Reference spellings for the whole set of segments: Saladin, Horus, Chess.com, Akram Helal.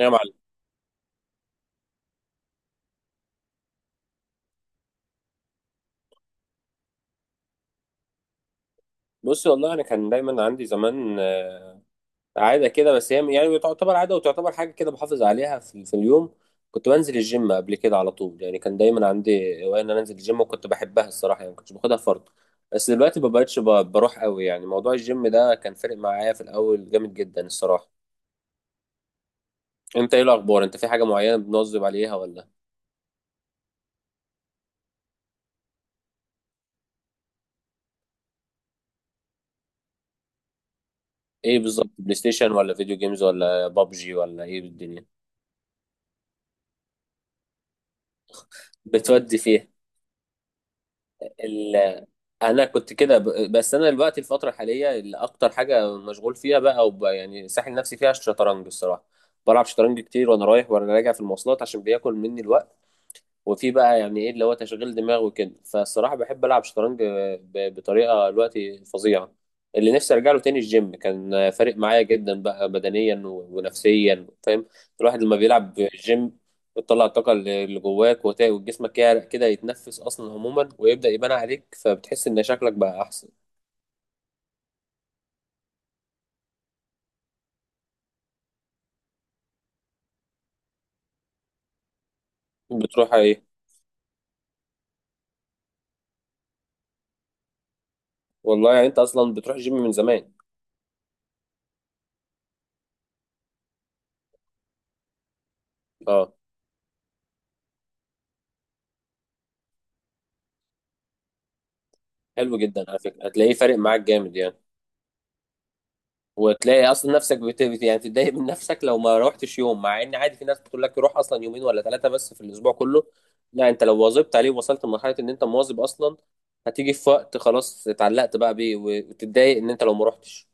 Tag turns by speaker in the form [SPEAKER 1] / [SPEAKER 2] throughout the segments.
[SPEAKER 1] يا معلم، بص والله انا كان دايما عندي زمان عاده كده. بس هي يعني تعتبر عاده وتعتبر حاجه كده بحافظ عليها في اليوم. كنت بنزل الجيم قبل كده على طول، يعني كان دايما عندي هوايه ان انا انزل الجيم، وكنت بحبها الصراحه، يعني ما كنتش باخدها فرض. بس دلوقتي ما بقتش بروح قوي. يعني موضوع الجيم ده كان فارق معايا في الاول جامد جدا الصراحه. انت ايه الاخبار؟ انت في حاجه معينه بنواظب عليها ولا ايه؟ بالظبط بلاي ستيشن ولا فيديو جيمز ولا بابجي ولا ايه بالدنيا بتودي فيها؟ ال... انا كنت كده بس انا دلوقتي الفتره الحاليه اللي اكتر حاجه مشغول فيها بقى يعني ساحل نفسي فيها الشطرنج الصراحه. بلعب شطرنج كتير وانا رايح وانا راجع في المواصلات عشان بياكل مني الوقت. وفي بقى يعني ايه اللي هو تشغيل دماغ وكده، فالصراحه بحب العب شطرنج بطريقه دلوقتي فظيعه. اللي نفسي ارجع له تاني، الجيم كان فارق معايا جدا بقى بدنيا ونفسيا، فاهم؟ الواحد لما بيلعب جيم بتطلع الطاقه اللي جواك، وجسمك يعرق كده، يتنفس اصلا عموما، ويبدا يبان عليك، فبتحس ان شكلك بقى احسن. بتروح ايه؟ والله يعني انت اصلا بتروح جيم من زمان؟ اه، حلو جدا على فكره، هتلاقيه فارق معاك جامد يعني. وتلاقي اصلا نفسك يعني تتضايق من نفسك لو ما روحتش يوم، مع ان عادي في ناس بتقول لك روح اصلا يومين ولا ثلاثه بس في الاسبوع كله. لا، انت لو واظبت عليه ووصلت لمرحله ان انت مواظب اصلا، هتيجي في وقت خلاص اتعلقت بقى بيه وتتضايق ان انت لو ما روحتش.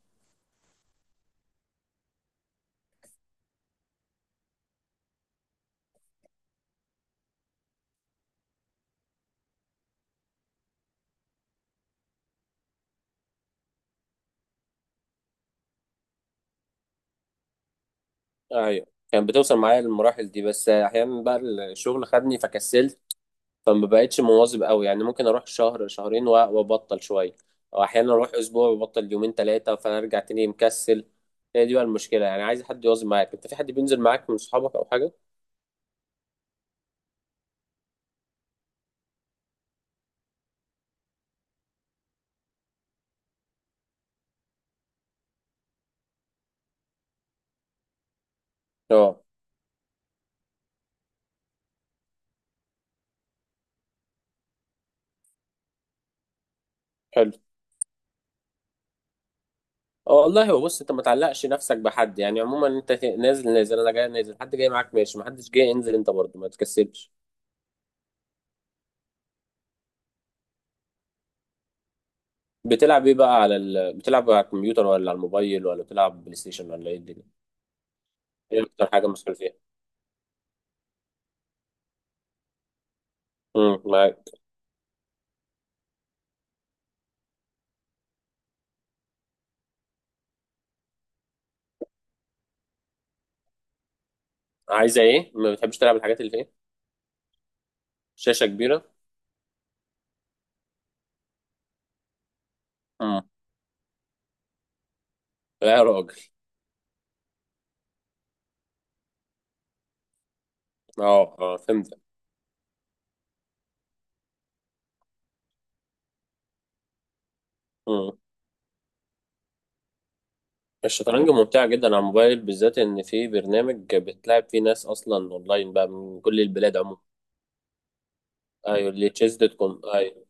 [SPEAKER 1] ايوه، كان بتوصل معايا للمراحل دي. بس احيانا بقى الشغل خدني فكسلت، فما بقتش مواظب قوي. يعني ممكن اروح شهر شهرين وابطل شويه، او احيانا اروح اسبوع وابطل يومين ثلاثه، فارجع تاني مكسل. هي دي بقى المشكله. يعني عايز حد يواظب معاك. انت في حد بينزل معاك من صحابك او حاجه؟ اه، حلو. اه والله، هو بص، انت ما تعلقش نفسك بحد يعني. عموما انت نازل نازل، انا جاي نازل، حد جاي معاك ماشي، ما حدش جاي انزل انت برضه، ما تكسلش. بتلعب ايه بقى على بتلعب على الكمبيوتر ولا على الموبايل ولا بتلعب بلاي ستيشن ولا ايه الدنيا؟ ايه اكتر حاجه مسؤول فيها؟ معاك. عايزه ايه؟ ما بتحبش تلعب الحاجات اللي فيها؟ شاشه كبيره. اه، لا يا راجل. اه اه فهمت. مم. الشطرنج ممتعة جدا على الموبايل، بالذات ان في برنامج بتلعب فيه ناس اصلا اونلاين بقى من كل البلاد عموما. ايوه، اللي تشيز دوت كوم، ايوه.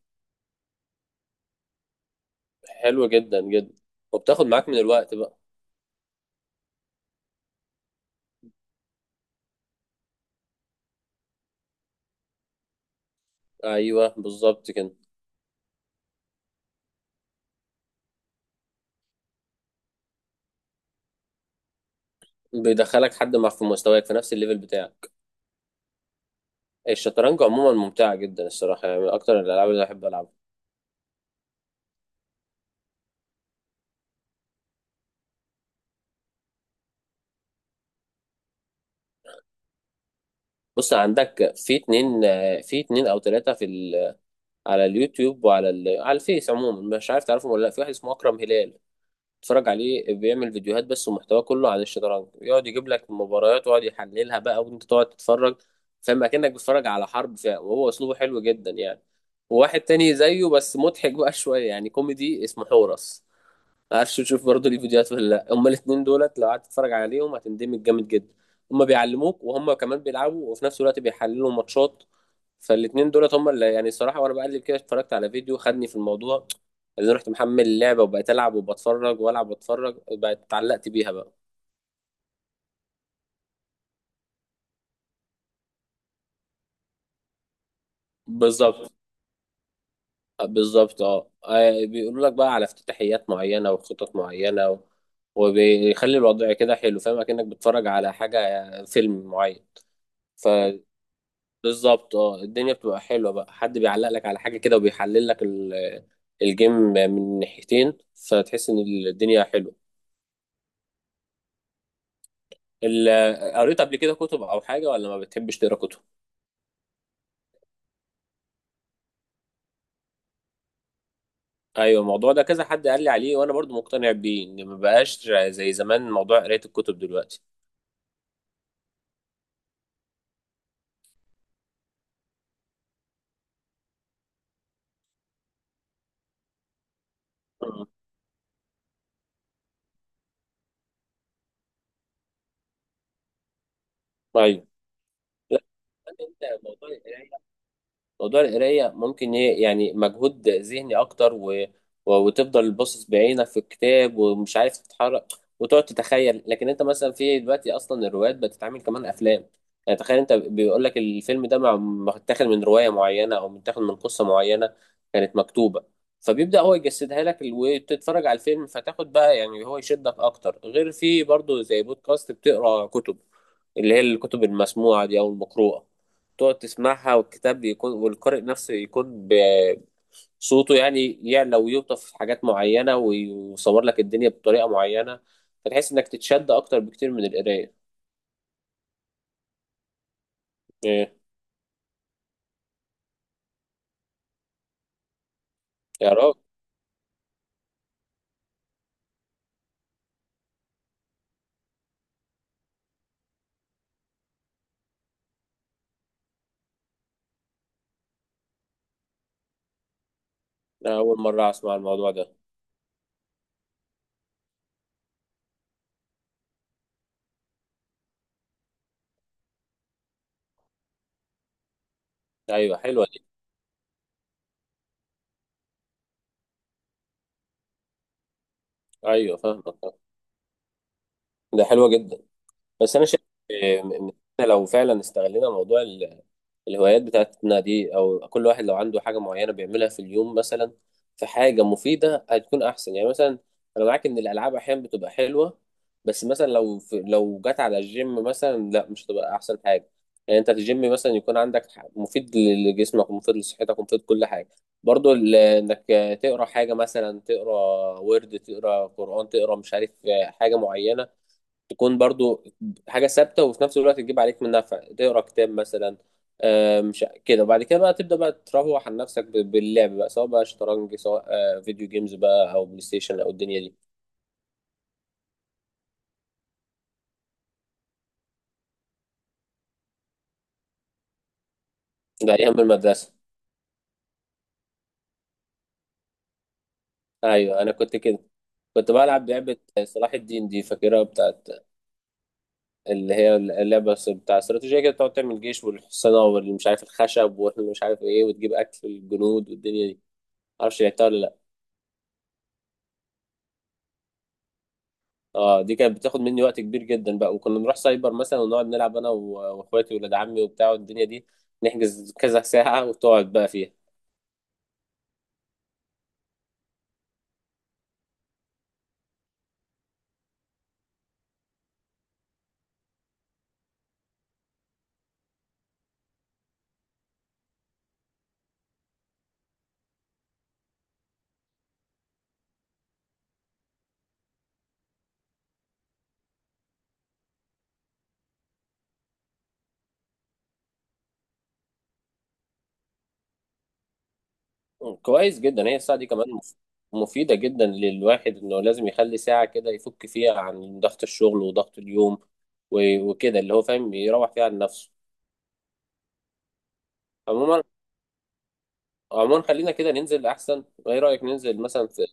[SPEAKER 1] حلو جدا جدا. وبتاخد معاك من الوقت بقى. ايوه بالظبط كده. بيدخلك حد مع في مستواك، في نفس الليفل بتاعك. الشطرنج عموما ممتعة جدا الصراحة، يعني من اكتر الالعاب اللي بحب العبها. بص، عندك في اتنين او تلاتة في على اليوتيوب وعلى على الفيس عموما، مش عارف تعرفهم ولا لا. في واحد اسمه اكرم هلال، بتتفرج عليه بيعمل فيديوهات بس، ومحتواه كله عن الشطرنج. يقعد يجيب لك مباريات ويقعد يحللها بقى وانت تقعد تتفرج، فاهم اكنك بتتفرج على حرب فيها. وهو اسلوبه حلو جدا يعني. وواحد تاني زيه بس مضحك بقى شويه، يعني كوميدي، اسمه حورس. ما اعرفش تشوف برضه ليه فيديوهات ولا لا. هما الاثنين دولت لو قعدت تتفرج عليهم هتندمج جامد جدا. هما بيعلموك وهما كمان بيلعبوا، وفي نفس الوقت بيحللوا ماتشات. فالاثنين دولت هما اللي يعني الصراحه، وانا بقلب كده اتفرجت على فيديو خدني في الموضوع، اللي رحت محمل اللعبه وبقيت العب وبتفرج والعب واتفرج، بقيت اتعلقت بيها بقى. بالظبط. بالظبط اه. بيقولوا لك بقى على افتتاحيات معينه وخطط معينه وبيخلي الوضع كده حلو. فاهم اكنك بتتفرج على حاجه فيلم معين. بالظبط اه. الدنيا بتبقى حلوه بقى، حد بيعلق لك على حاجه كده وبيحلل لك الجيم من ناحيتين، فتحس ان الدنيا حلوه. قريت قبل كده كتب او حاجه ولا ما بتحبش تقرا كتب؟ ايوه الموضوع ده كذا حد قال لي عليه، وانا برضو مقتنع بيه ان ما بقاش زي زمان موضوع قرايه الكتب دلوقتي. مم. ايوه. لا، انت موضوع القراية، موضوع القراية ممكن يعني مجهود ذهني أكتر وتفضل باصص بعينك في الكتاب ومش عارف تتحرك وتقعد تتخيل. لكن أنت مثلا في دلوقتي أصلا الروايات بتتعمل كمان أفلام. يعني تخيل، أنت بيقول لك الفيلم ده متاخد من رواية معينة أو متاخد من قصة معينة كانت مكتوبة، فبيبدأ هو يجسدها لك. وتتفرج على الفيلم فتاخد بقى، يعني هو يشدك أكتر. غير في برضه زي بودكاست بتقرأ كتب، اللي هي الكتب المسموعة دي أو المقروءة، تقعد تسمعها، والكتاب بيكون والقارئ نفسه يكون بصوته، يعني يعلى ويوطف حاجات معينة ويصور لك الدنيا بطريقة معينة، فتحس إنك تتشد أكتر بكتير من القراية. إيه؟ يا راجل، أنا أول مرة أسمع الموضوع ده. أيوه حلوة دي. أيوه فاهمك. ده حلوة جدا. بس أنا شايف إيه، إن إحنا لو فعلا استغلينا موضوع الهوايات بتاعتنا دي، او كل واحد لو عنده حاجه معينه بيعملها في اليوم مثلا في حاجه مفيده، هتكون احسن. يعني مثلا انا معاك ان الالعاب احيانا بتبقى حلوه، بس مثلا لو في، لو جت على الجيم مثلا، لا مش هتبقى احسن حاجه. يعني انت في الجيم مثلا يكون عندك مفيد لجسمك ومفيد لصحتك ومفيد كل حاجه. برضو انك تقرا حاجه، مثلا تقرا ورد، تقرا قران، تقرا مش عارف حاجه معينه، تكون برضو حاجة ثابتة، وفي نفس الوقت تجيب عليك من نفع تقرا كتاب مثلا. مش كده. وبعد كده بقى تبدأ بقى تروح عن نفسك باللعب بقى، سواء بقى شطرنج، سواء فيديو جيمز بقى، أو بلاي ستيشن، أو الدنيا دي. ده أيام المدرسة. أيوه أنا كنت كده. كنت بلعب لعبة صلاح الدين دي، فاكرها بتاعت اللي هي اللعبة بتاع استراتيجية كده، بتقعد تعمل جيش والحصانة والمش عارف الخشب والمش عارف إيه، وتجيب أكل الجنود والدنيا دي. معرفش لعبتها ولا لأ؟ اه، دي كانت بتاخد مني وقت كبير جدا بقى. وكنا نروح سايبر مثلا ونقعد نلعب انا واخواتي ولاد عمي وبتاع الدنيا دي. نحجز كذا ساعة وتقعد بقى فيها. كويس جدا. هي الساعة دي كمان مفيدة جدا للواحد، انه لازم يخلي ساعة كده يفك فيها عن ضغط الشغل وضغط اليوم وكده، اللي هو فاهم يروح فيها عن نفسه. عموما، عموما خلينا كده ننزل احسن. ايه رأيك ننزل مثلا في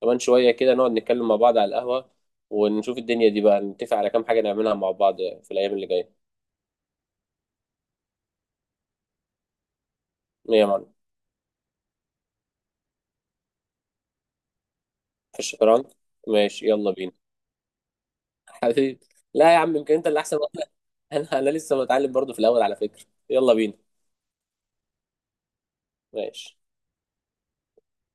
[SPEAKER 1] كمان شوية كده، نقعد نتكلم مع بعض على القهوة، ونشوف الدنيا دي بقى، نتفق على كام حاجة نعملها مع بعض في الأيام اللي جاية. ايه يا معلم؟ في الشطرنج. ماشي، يلا بينا. حبيبي، لا يا عم، يمكن انت اللي احسن واحد. انا لسه متعلم برضو في الاول على فكرة. يلا بينا. ماشي.